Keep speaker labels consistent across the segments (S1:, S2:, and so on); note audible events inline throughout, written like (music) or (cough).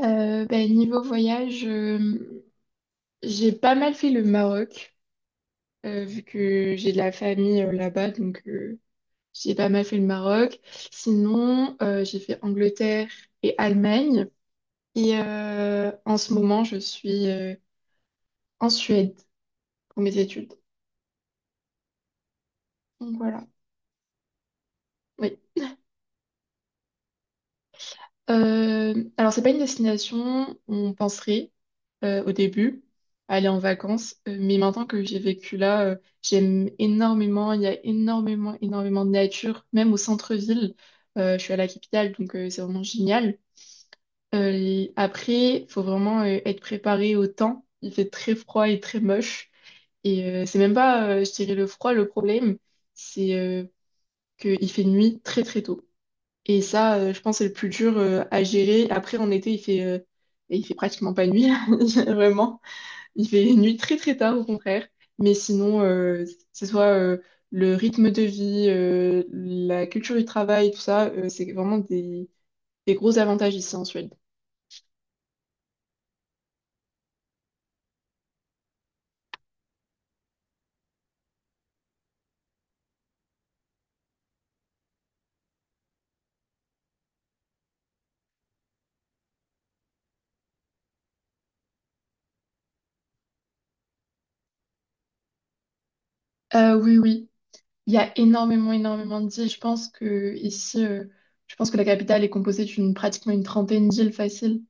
S1: Niveau voyage, j'ai pas mal fait le Maroc, vu que j'ai de la famille là-bas, j'ai pas mal fait le Maroc. Sinon, j'ai fait Angleterre et Allemagne. En ce moment, je suis en Suède pour mes études. Donc voilà, oui. Alors, c'est pas une destination, on penserait, au début, aller en vacances. Mais maintenant que j'ai vécu là, j'aime énormément. Il y a énormément, énormément de nature, même au centre-ville. Je suis à la capitale, c'est vraiment génial. Et après, il faut vraiment être préparé au temps. Il fait très froid et très moche. C'est même pas, je dirais, le froid le problème, c'est qu'il fait nuit très très tôt. Et ça, je pense, c'est le plus dur à gérer. Après, en été, il fait pratiquement pas nuit, (laughs) vraiment. Il fait nuit très très tard au contraire, mais sinon, c'est soit le rythme de vie, la culture du travail, tout ça, c'est vraiment des gros avantages ici en Suède. Oui, oui, il y a énormément, énormément d'îles. Je pense que ici, je pense que la capitale est composée d'une pratiquement une trentaine d'îles faciles.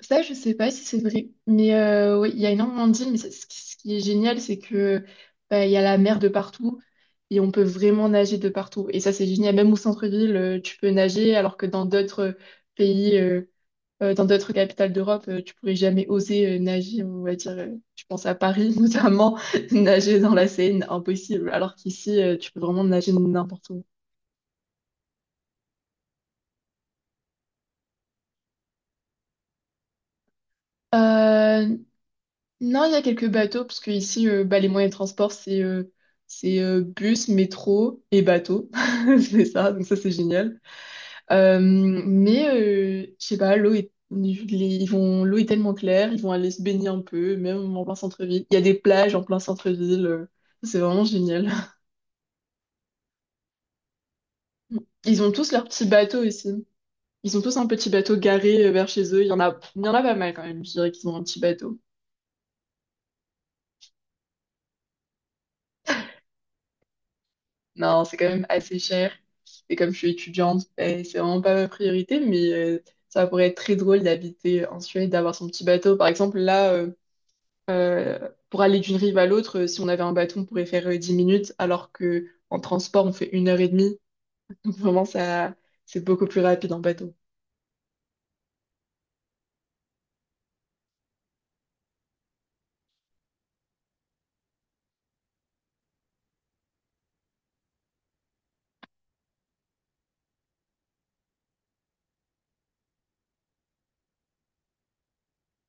S1: Ça, je sais pas si c'est vrai, mais oui, il y a énormément de d'îles, mais ça, ce qui est génial, c'est que bah, il y a la mer de partout et on peut vraiment nager de partout. Et ça, c'est génial. Même au centre-ville, tu peux nager, alors que dans d'autres pays, dans d'autres capitales d'Europe, tu pourrais jamais oser nager. On va dire, je pense à Paris (laughs) notamment, nager dans la Seine, impossible. Alors qu'ici, tu peux vraiment nager n'importe où. Euh, Non, il y a quelques bateaux, parce que ici, bah, les moyens de transport, c'est bus, métro et bateau. (laughs) C'est ça, donc ça, c'est génial. Mais, je sais pas, ils vont, l'eau est tellement claire, ils vont aller se baigner un peu, même en plein centre-ville. Il y a des plages en plein centre-ville, c'est vraiment génial. Ils ont tous leur petit bateau ici. Ils ont tous un petit bateau garé vers chez eux. Il y en a pas mal quand même, je dirais qu'ils ont un petit bateau. Non, c'est quand même assez cher. Et comme je suis étudiante, ben, c'est vraiment pas ma priorité, ça pourrait être très drôle d'habiter en Suède, d'avoir son petit bateau. Par exemple, là, pour aller d'une rive à l'autre, si on avait un bateau, on pourrait faire 10 minutes, alors que en transport, on fait une heure et demie. Donc vraiment, ça, c'est beaucoup plus rapide en bateau.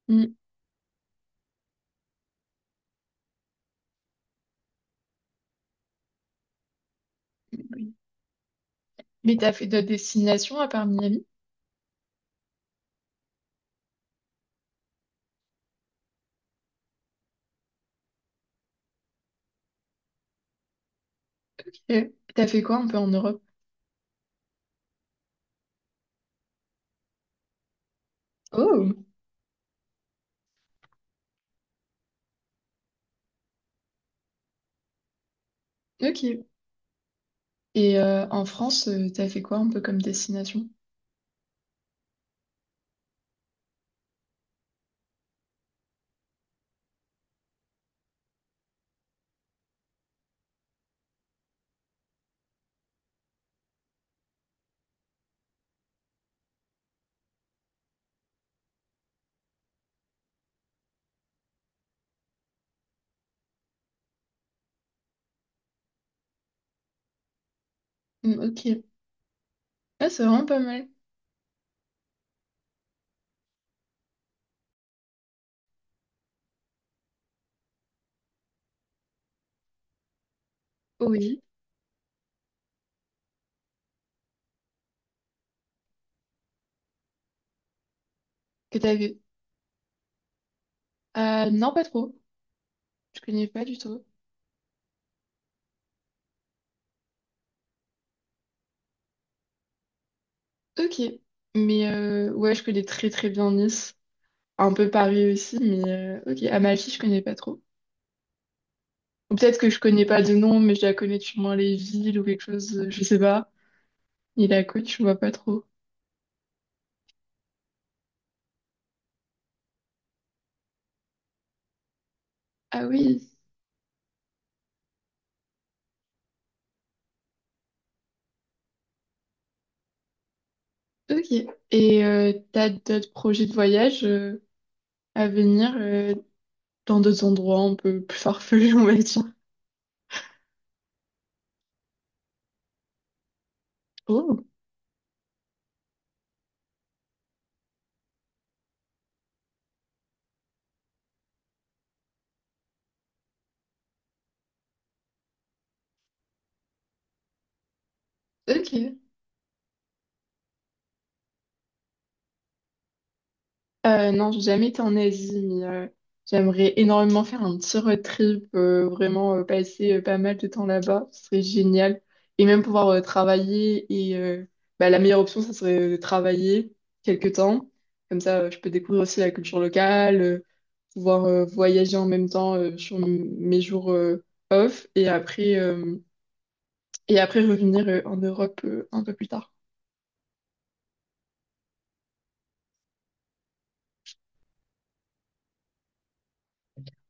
S1: Hmm. Mais t'as fait d'autres destinations à part Miami? Ok. T'as fait quoi un peu en Europe? Oh, ok. En France, t'as fait quoi un peu comme destination? Mm, ok. Ah, c'est vraiment pas mal. Oui, que t'as vu. Non, pas trop. Je connais pas du tout. Ok. Ouais, je connais très très bien Nice. Un peu Paris aussi, mais ok. Amalfi, je connais pas trop. Ou peut-être que je connais pas de nom, mais je la connais sûrement moins les villes ou quelque chose, je sais pas. Et la côte, je vois pas trop. Ah oui, ok. T'as d'autres projets de voyage à venir dans d'autres endroits un peu plus farfelus, on va dire. Oh, ok. Non, j'ai jamais été en Asie, j'aimerais énormément faire un petit road trip, vraiment passer pas mal de temps là-bas, ce serait génial. Et même pouvoir travailler, bah, la meilleure option, ça serait de travailler quelques temps. Comme ça, je peux découvrir aussi la culture locale, pouvoir voyager en même temps sur mes jours off, et après revenir en Europe un peu plus tard.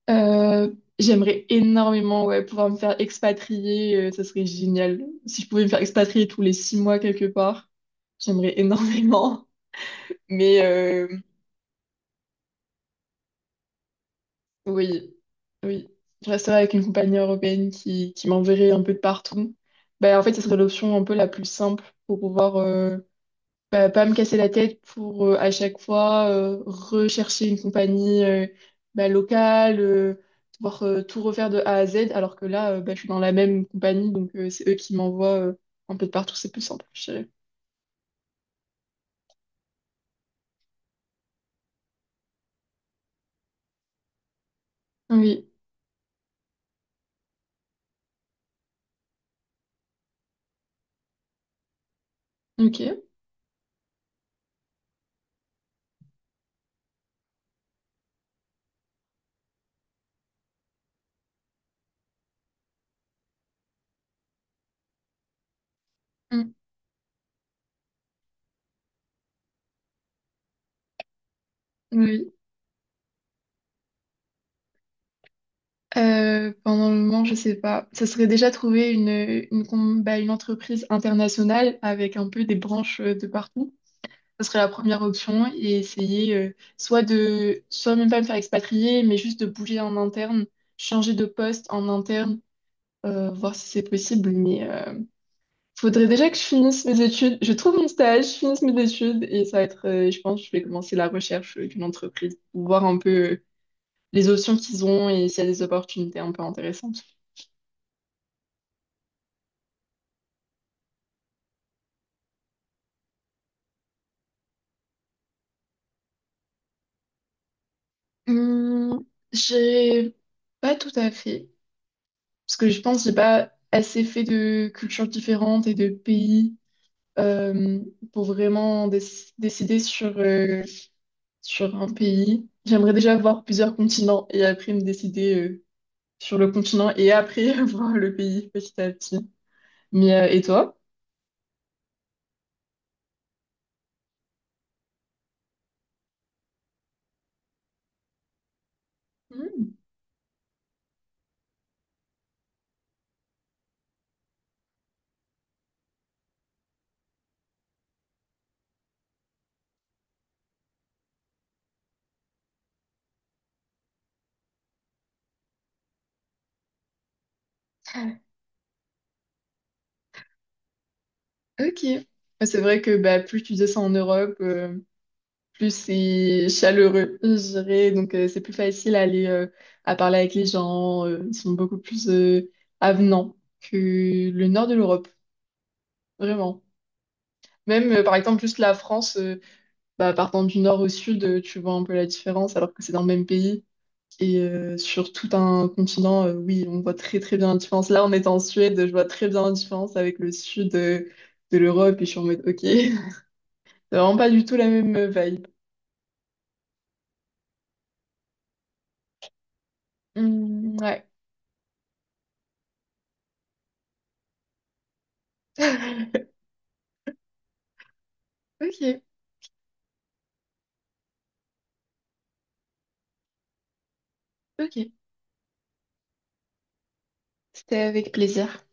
S1: Euh, J'aimerais énormément ouais, pouvoir me faire expatrier, ça serait génial. Si je pouvais me faire expatrier tous les six mois quelque part, j'aimerais énormément. (laughs) Mais euh, oui, oui, je resterais avec une compagnie européenne qui m'enverrait un peu de partout. Ben, en fait, ce serait l'option un peu la plus simple pour pouvoir bah, pas me casser la tête pour à chaque fois rechercher une compagnie bah, locale, devoir tout refaire de A à Z, alors que là, bah, je suis dans la même compagnie, c'est eux qui m'envoient un peu de partout, c'est plus simple, je dirais. Oui, ok. Mm. Oui. Pendant le moment, je sais pas. Ça serait déjà trouver une, com- bah, une entreprise internationale avec un peu des branches de partout. Ça serait la première option et essayer soit même pas me faire expatrier, mais juste de bouger en interne, changer de poste en interne, voir si c'est possible. Faudrait déjà que je finisse mes études, je trouve mon stage, je finisse mes études et ça va être, je pense, que je vais commencer la recherche d'une entreprise pour voir un peu les options qu'ils ont et s'il y a des opportunités un peu intéressantes. Hum, j'ai pas tout à fait, parce que je pense que j'ai pas assez fait de cultures différentes et de pays euh, pour vraiment décider sur, sur un pays. J'aimerais déjà voir plusieurs continents et après me décider sur le continent et après (laughs) voir le pays petit à petit. Mais et toi? Hmm. Ok. Bah, c'est vrai que bah, plus tu descends en Europe, plus c'est chaleureux, je dirais. C'est plus facile à aller à parler avec les gens. Ils sont beaucoup plus avenants que le nord de l'Europe, vraiment. Même par exemple juste la France. Bah, partant du nord au sud, tu vois un peu la différence, alors que c'est dans le même pays. Sur tout un continent, oui, on voit très très bien la différence. Là, on est en Suède, je vois très bien la différence avec le sud de l'Europe, et je suis en mode, ok, (laughs) c'est vraiment pas du tout la même vibe. Hmm, ouais. (laughs) Ok, ok. C'était avec plaisir.